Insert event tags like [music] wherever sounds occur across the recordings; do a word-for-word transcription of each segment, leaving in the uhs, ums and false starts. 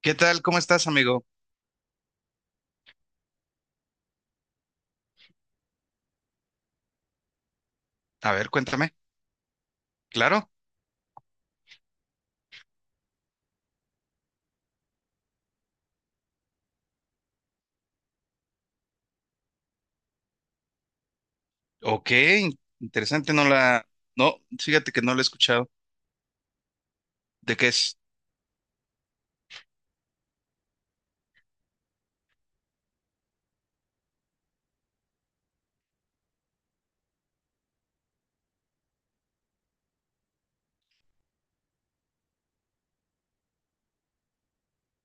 ¿Qué tal? ¿Cómo estás, amigo? A ver, cuéntame. Claro. Ok, in- interesante. No la... No, fíjate que no la he escuchado. ¿De qué es?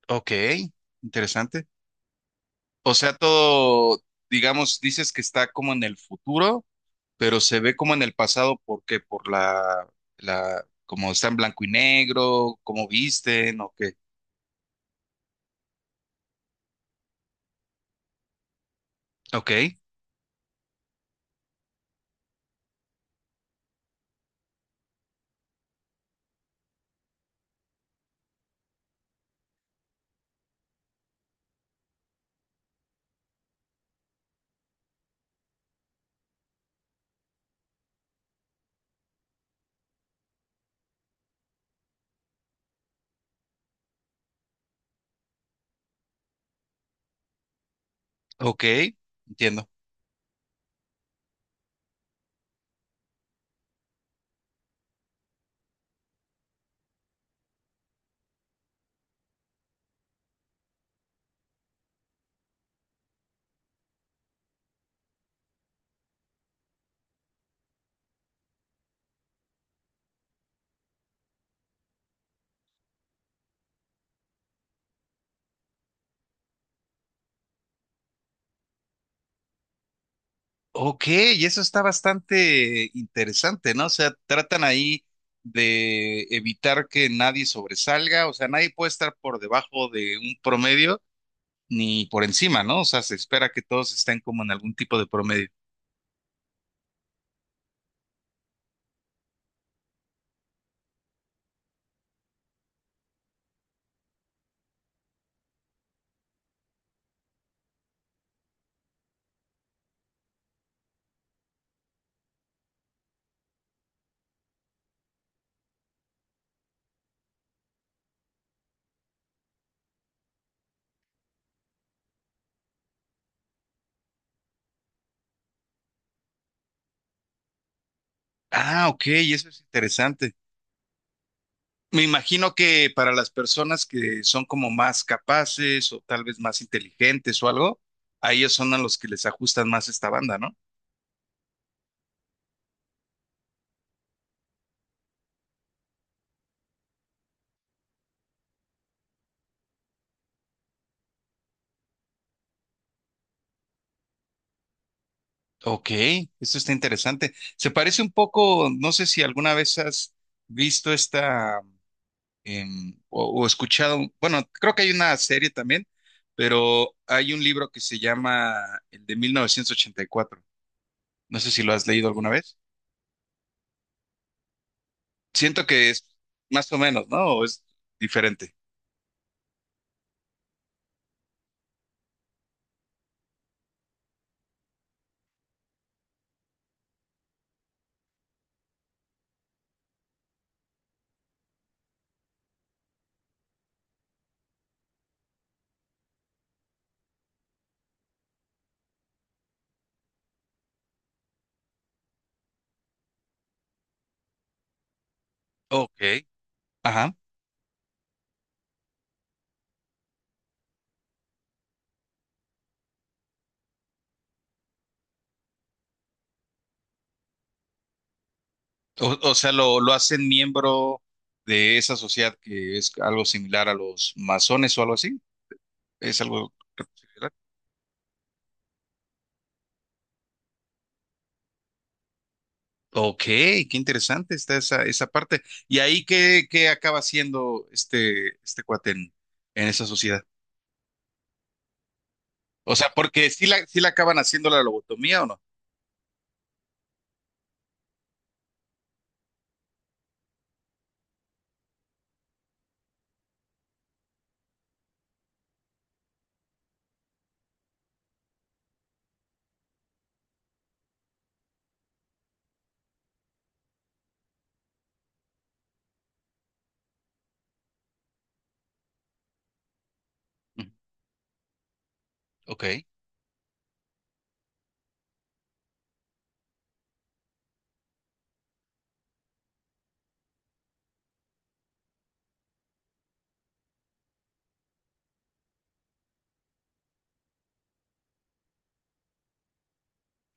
Ok, interesante. O sea, todo, digamos, dices que está como en el futuro, pero se ve como en el pasado porque por la, la, como está en blanco y negro, cómo visten, o qué. Ok, ok, entiendo. Ok, y eso está bastante interesante, ¿no? O sea, tratan ahí de evitar que nadie sobresalga, o sea, nadie puede estar por debajo de un promedio ni por encima, ¿no? O sea, se espera que todos estén como en algún tipo de promedio. Ah, ok, y eso es interesante. Me imagino que para las personas que son como más capaces o tal vez más inteligentes o algo, a ellos son a los que les ajustan más esta banda, ¿no? Ok, esto está interesante. Se parece un poco, no sé si alguna vez has visto esta em, o, o escuchado, bueno, creo que hay una serie también, pero hay un libro que se llama el de mil novecientos ochenta y cuatro. No sé si lo has leído alguna vez. Siento que es más o menos, ¿no? ¿O es diferente? Ok. Ajá. O, o sea, lo, lo hacen miembro de esa sociedad que es algo similar a los masones o algo así. ¿Es algo similar? Ok, qué interesante está esa, esa parte. ¿Y ahí qué, qué acaba siendo este, este cuate en, en esa sociedad? O sea, porque sí la, sí la acaban haciendo la lobotomía o no. Ujú. Ok,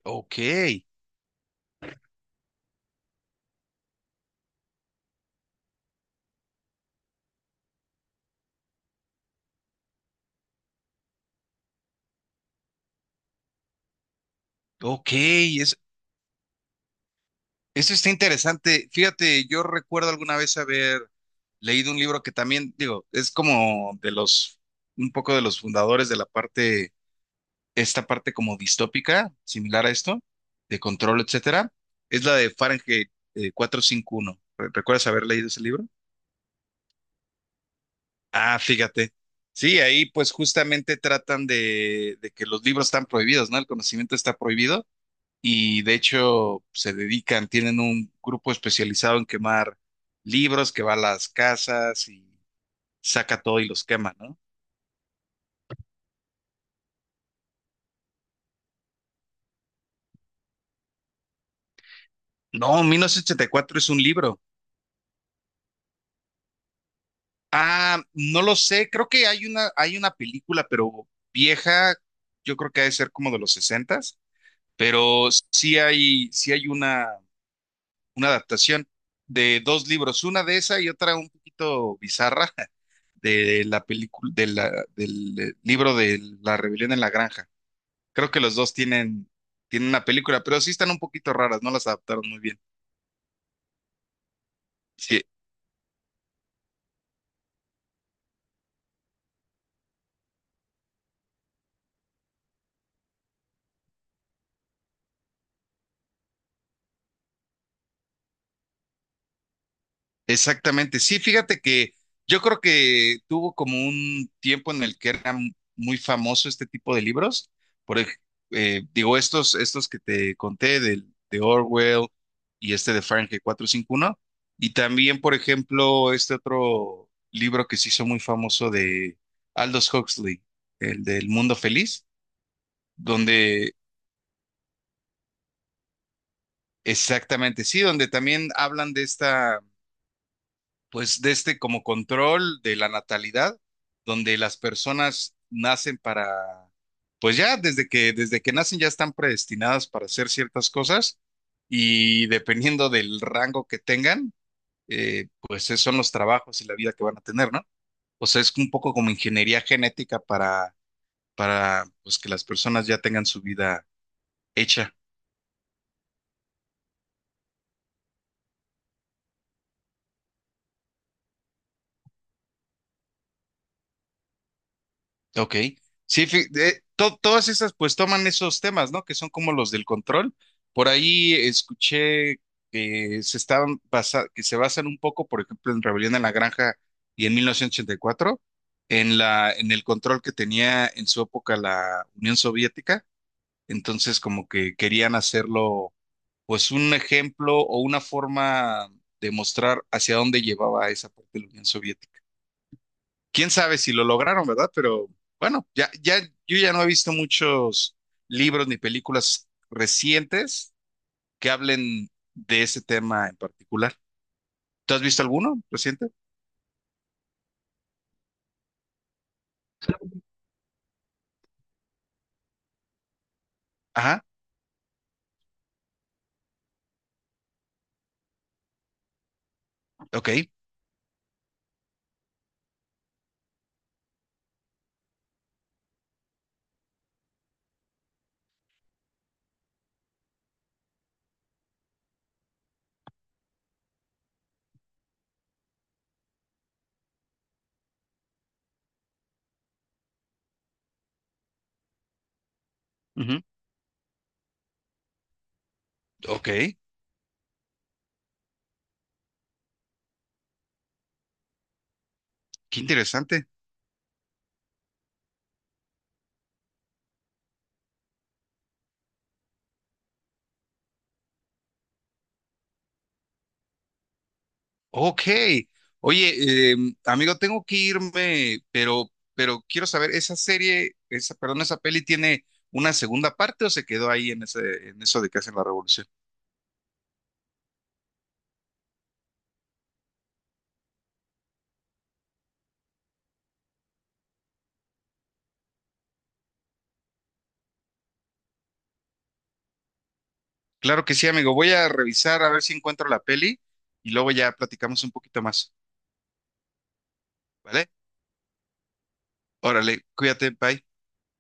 ok, ok, es- eso está interesante. Fíjate, yo recuerdo alguna vez haber leído un libro que también, digo, es como de los, un poco de los fundadores de la parte esta parte como distópica, similar a esto, de control, etcétera, es la de Fahrenheit eh, cuatrocientos cincuenta y uno. ¿Re- ¿Recuerdas haber leído ese libro? Ah, fíjate. Sí, ahí pues justamente tratan de, de que los libros están prohibidos, ¿no? El conocimiento está prohibido y de hecho se dedican, tienen un grupo especializado en quemar libros que va a las casas y saca todo y los quema, ¿no? No, mil novecientos ochenta y cuatro es un libro. Ah, no lo sé, creo que hay una, hay una película, pero vieja, yo creo que ha de ser como de los sesentas, pero sí hay, sí hay una, una adaptación de dos libros, una de esa y otra un poquito bizarra [laughs] de la película, de la, del eh, libro de La Rebelión en la Granja. Creo que los dos tienen, tienen una película, pero sí están un poquito raras, no las adaptaron muy bien. Sí, exactamente, sí, fíjate que yo creo que tuvo como un tiempo en el que era m- muy famoso este tipo de libros, por ej- eh, digo, estos, estos que te conté del- de Orwell y este de Fahrenheit cuatrocientos cincuenta y uno. Y también, por ejemplo, este otro libro que se hizo muy famoso de Aldous Huxley, el del Mundo Feliz, donde, exactamente, sí, donde también hablan de esta, pues de este como control de la natalidad, donde las personas nacen para, pues ya desde que, desde que nacen ya están predestinadas para hacer ciertas cosas y dependiendo del rango que tengan, eh, pues esos son los trabajos y la vida que van a tener, ¿no? O sea, es un poco como ingeniería genética para, para pues que las personas ya tengan su vida hecha. Ok. Sí, fi- de- to- todas esas pues toman esos temas, ¿no? Que son como los del control. Por ahí escuché que se estaban basa- que se basan un poco, por ejemplo, en Rebelión en la Granja y en mil novecientos ochenta y cuatro, en la, en el control que tenía en su época la Unión Soviética. Entonces, como que querían hacerlo, pues, un ejemplo o una forma de mostrar hacia dónde llevaba esa parte de la Unión Soviética. Quién sabe si lo lograron, ¿verdad? Pero bueno, ya, ya, yo ya no he visto muchos libros ni películas recientes que hablen de ese tema en particular. ¿Tú has visto alguno reciente? Ajá, ok, ujú, ok, qué interesante. Ok, oye, eh, amigo, tengo que irme, pero, pero quiero saber, ¿esa serie, esa, perdón, esa peli tiene una segunda parte o se quedó ahí en ese, en eso de que hacen la revolución? Claro que sí, amigo. Voy a revisar a ver si encuentro la peli y luego ya platicamos un poquito más, ¿vale? Órale, cuídate, bye.